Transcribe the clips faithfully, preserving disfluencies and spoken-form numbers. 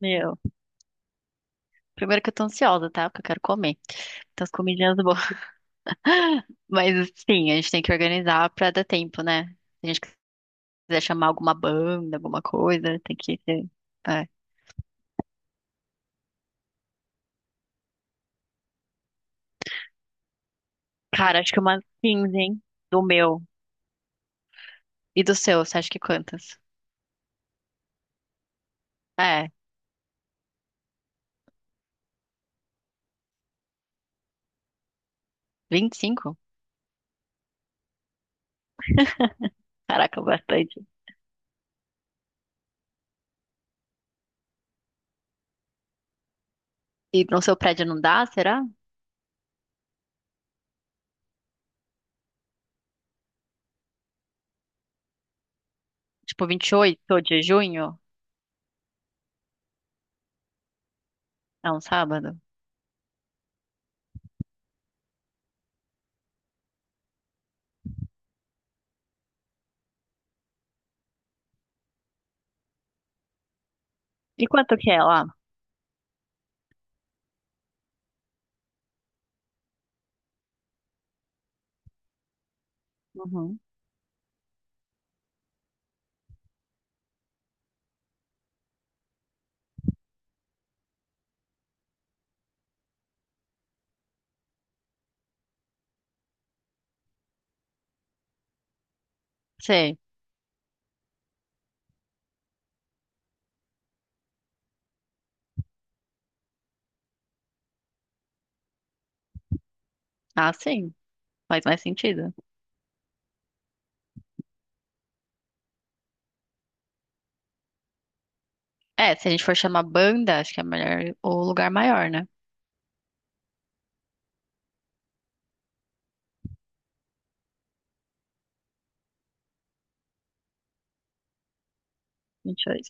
Meu, primeiro que eu tô ansiosa, tá? Porque eu quero comer. Então, as comidinhas boas. Mas, sim, a gente tem que organizar pra dar tempo, né? Se a gente quiser chamar alguma banda, alguma coisa, tem que ter. É. Cara, acho que umas quinze, hein? Do meu. E do seu, você acha que quantas? É, vinte e cinco. Caraca, bastante. E no seu prédio não dá, será? Tipo, vinte e oito de junho? É um sábado? E quanto que é lá? Uhum. Sei. Ah, sim. Faz mais sentido. É, se a gente for chamar banda, acho que é melhor o lugar maior, né? vinte e dois.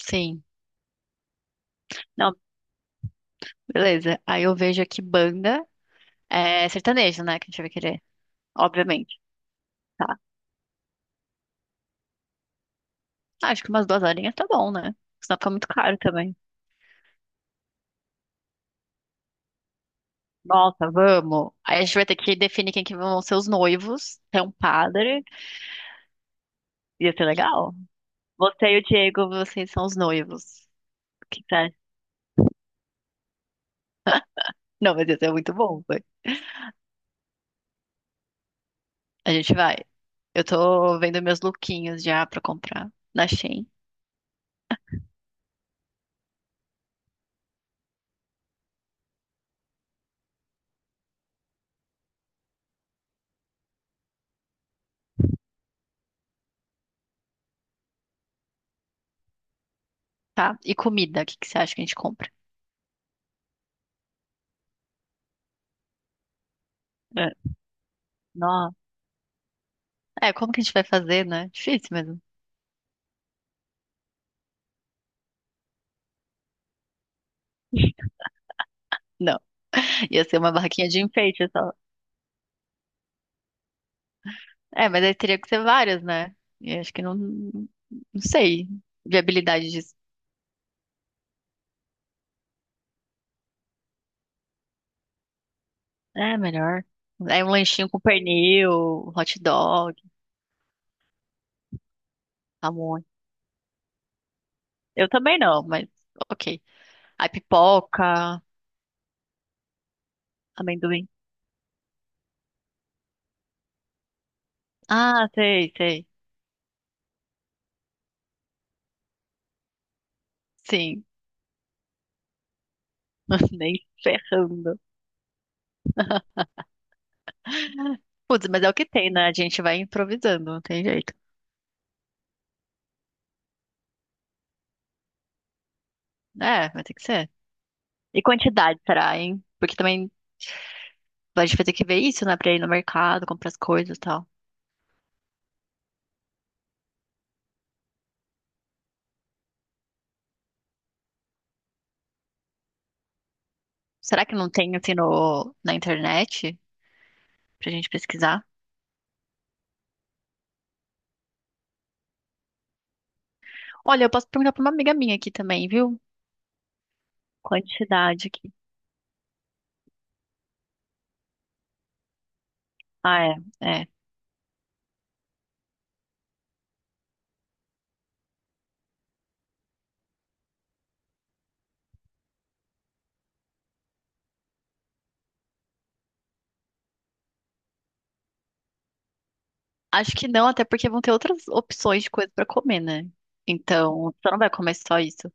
Sim. Não, beleza. Aí eu vejo aqui banda é sertanejo, né? Que a gente vai querer, obviamente. Tá. Ah, acho que umas duas horinhas tá bom, né? Senão fica muito caro também. Nossa, vamos. Aí a gente vai ter que definir quem que vão ser os noivos. Tem um padre. Ia ser legal. Você e o Diego, vocês são os noivos. O que tá? Não, mas ia ser muito bom. Vai. A gente vai. Eu tô vendo meus lookinhos já pra comprar na Shein. Tá? E comida, o que que você acha que a gente compra? É. Nó. É, como que a gente vai fazer, né? Difícil mesmo. Não. Ia ser uma barraquinha de enfeite só. É, mas aí teria que ser várias, né? E acho que não, não sei. Viabilidade disso. É, melhor. É um lanchinho com pernil, hot dog, pamonha. Eu também não, mas ok. Aí pipoca, amendoim. Ah, sei, sei. Sim, nem ferrando. Putz, mas é o que tem, né? A gente vai improvisando, não tem jeito. É, vai ter que ser. E quantidade, será, hein? Porque também a gente vai ter que ver isso, né? Pra ir no mercado, comprar as coisas e tal. Será que não tem, assim, no, na internet pra gente pesquisar? Olha, eu posso perguntar pra uma amiga minha aqui também, viu? Quantidade aqui. Ah, é, é. Acho que não, até porque vão ter outras opções de coisa pra comer, né? Então, você não vai comer só isso.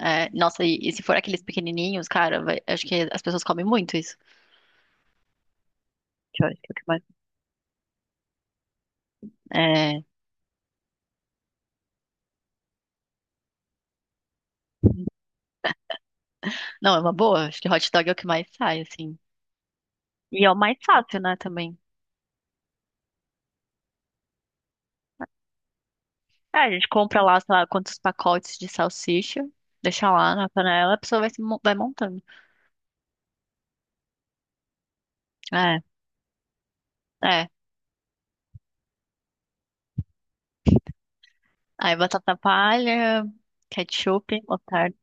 É, nossa, e, e se for aqueles pequenininhos, cara, vai- acho que as pessoas comem muito isso. Que eu acho que é o que mais... É, não, é uma boa. Acho que hot dog é o que mais sai, assim. E é o mais fácil, né, também. É, a gente compra lá, sei lá, quantos pacotes de salsicha, deixa lá na panela, a pessoa vai, se mo- vai montando. É, é. Aí batata palha, ketchup, mostarda.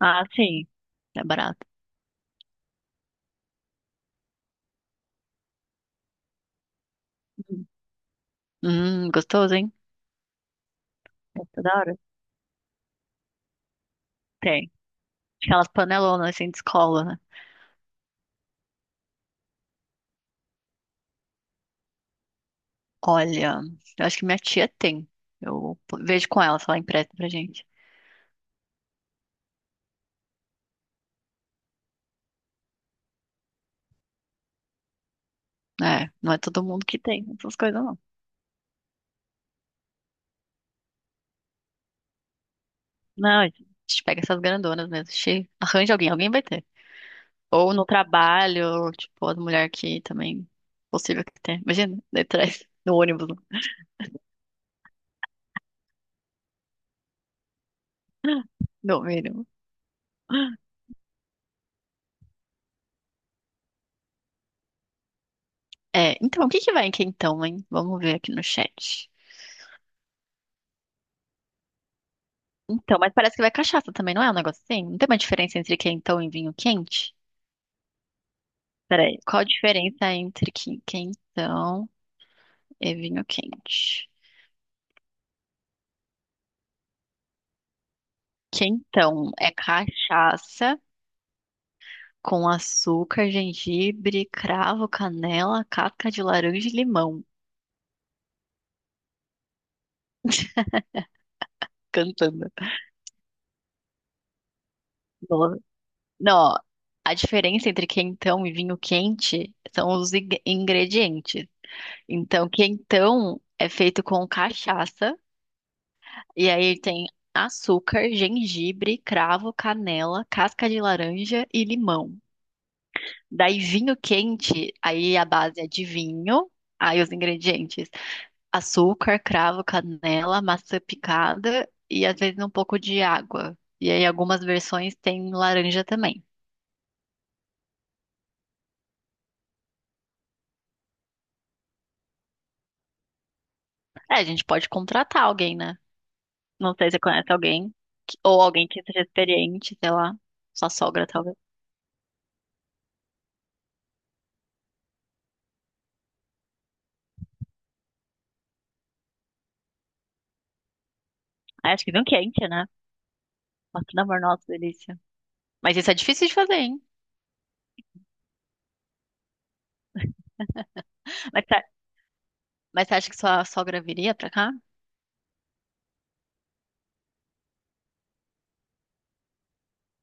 Ah, sim, é barato. Uhum. Hum, gostoso, hein? Gostoso da hora. Tem. Aquelas panelonas assim de escola, né? Olha, eu acho que minha tia tem. Eu vejo com ela se ela empresta pra gente. É, não é todo mundo que tem essas coisas, não. Não, a gente pega essas grandonas mesmo. Che... Arranja alguém, alguém vai ter. Ou no trabalho, tipo, as mulheres que também. Possível que tenha. Imagina, daí atrás, no ônibus, no mínimo. É, então, o que que vai em quentão, hein? Vamos ver aqui no chat. Então, mas parece que vai cachaça também, não é um negócio assim? Não tem uma diferença entre quentão e vinho quente? Peraí, qual a diferença entre qui- quentão e vinho quente? Quentão é cachaça com açúcar, gengibre, cravo, canela, casca de laranja e limão. Cantando. Não, a diferença entre quentão e vinho quente são os ing- ingredientes. Então, quentão é feito com cachaça, e aí tem açúcar, gengibre, cravo, canela, casca de laranja e limão. Daí, vinho quente, aí a base é de vinho, aí os ingredientes: açúcar, cravo, canela, maçã picada e às vezes um pouco de água. E aí, algumas versões têm laranja também. É, a gente pode contratar alguém, né? Não sei se você conhece alguém, que- ou alguém que seja experiente, sei lá. Sua sogra, talvez. Ah, acho que vinho quente, né? Nossa, pelo amor, nossa, delícia. Mas isso é difícil de fazer, hein? Mas, tá- mas você acha que sua sogra viria pra cá?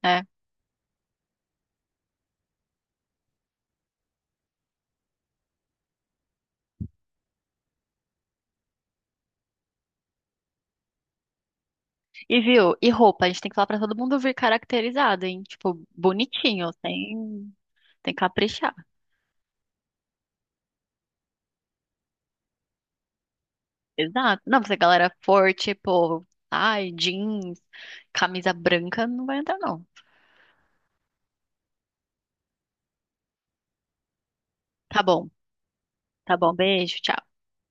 É. E viu? E roupa? A gente tem que falar pra todo mundo vir caracterizado, hein? Tipo, bonitinho, sem, sem, caprichar. Exato. Não, se a galera for, tipo, ai, jeans, camisa branca, não vai entrar, não. Tá bom, tá bom, beijo, tchau.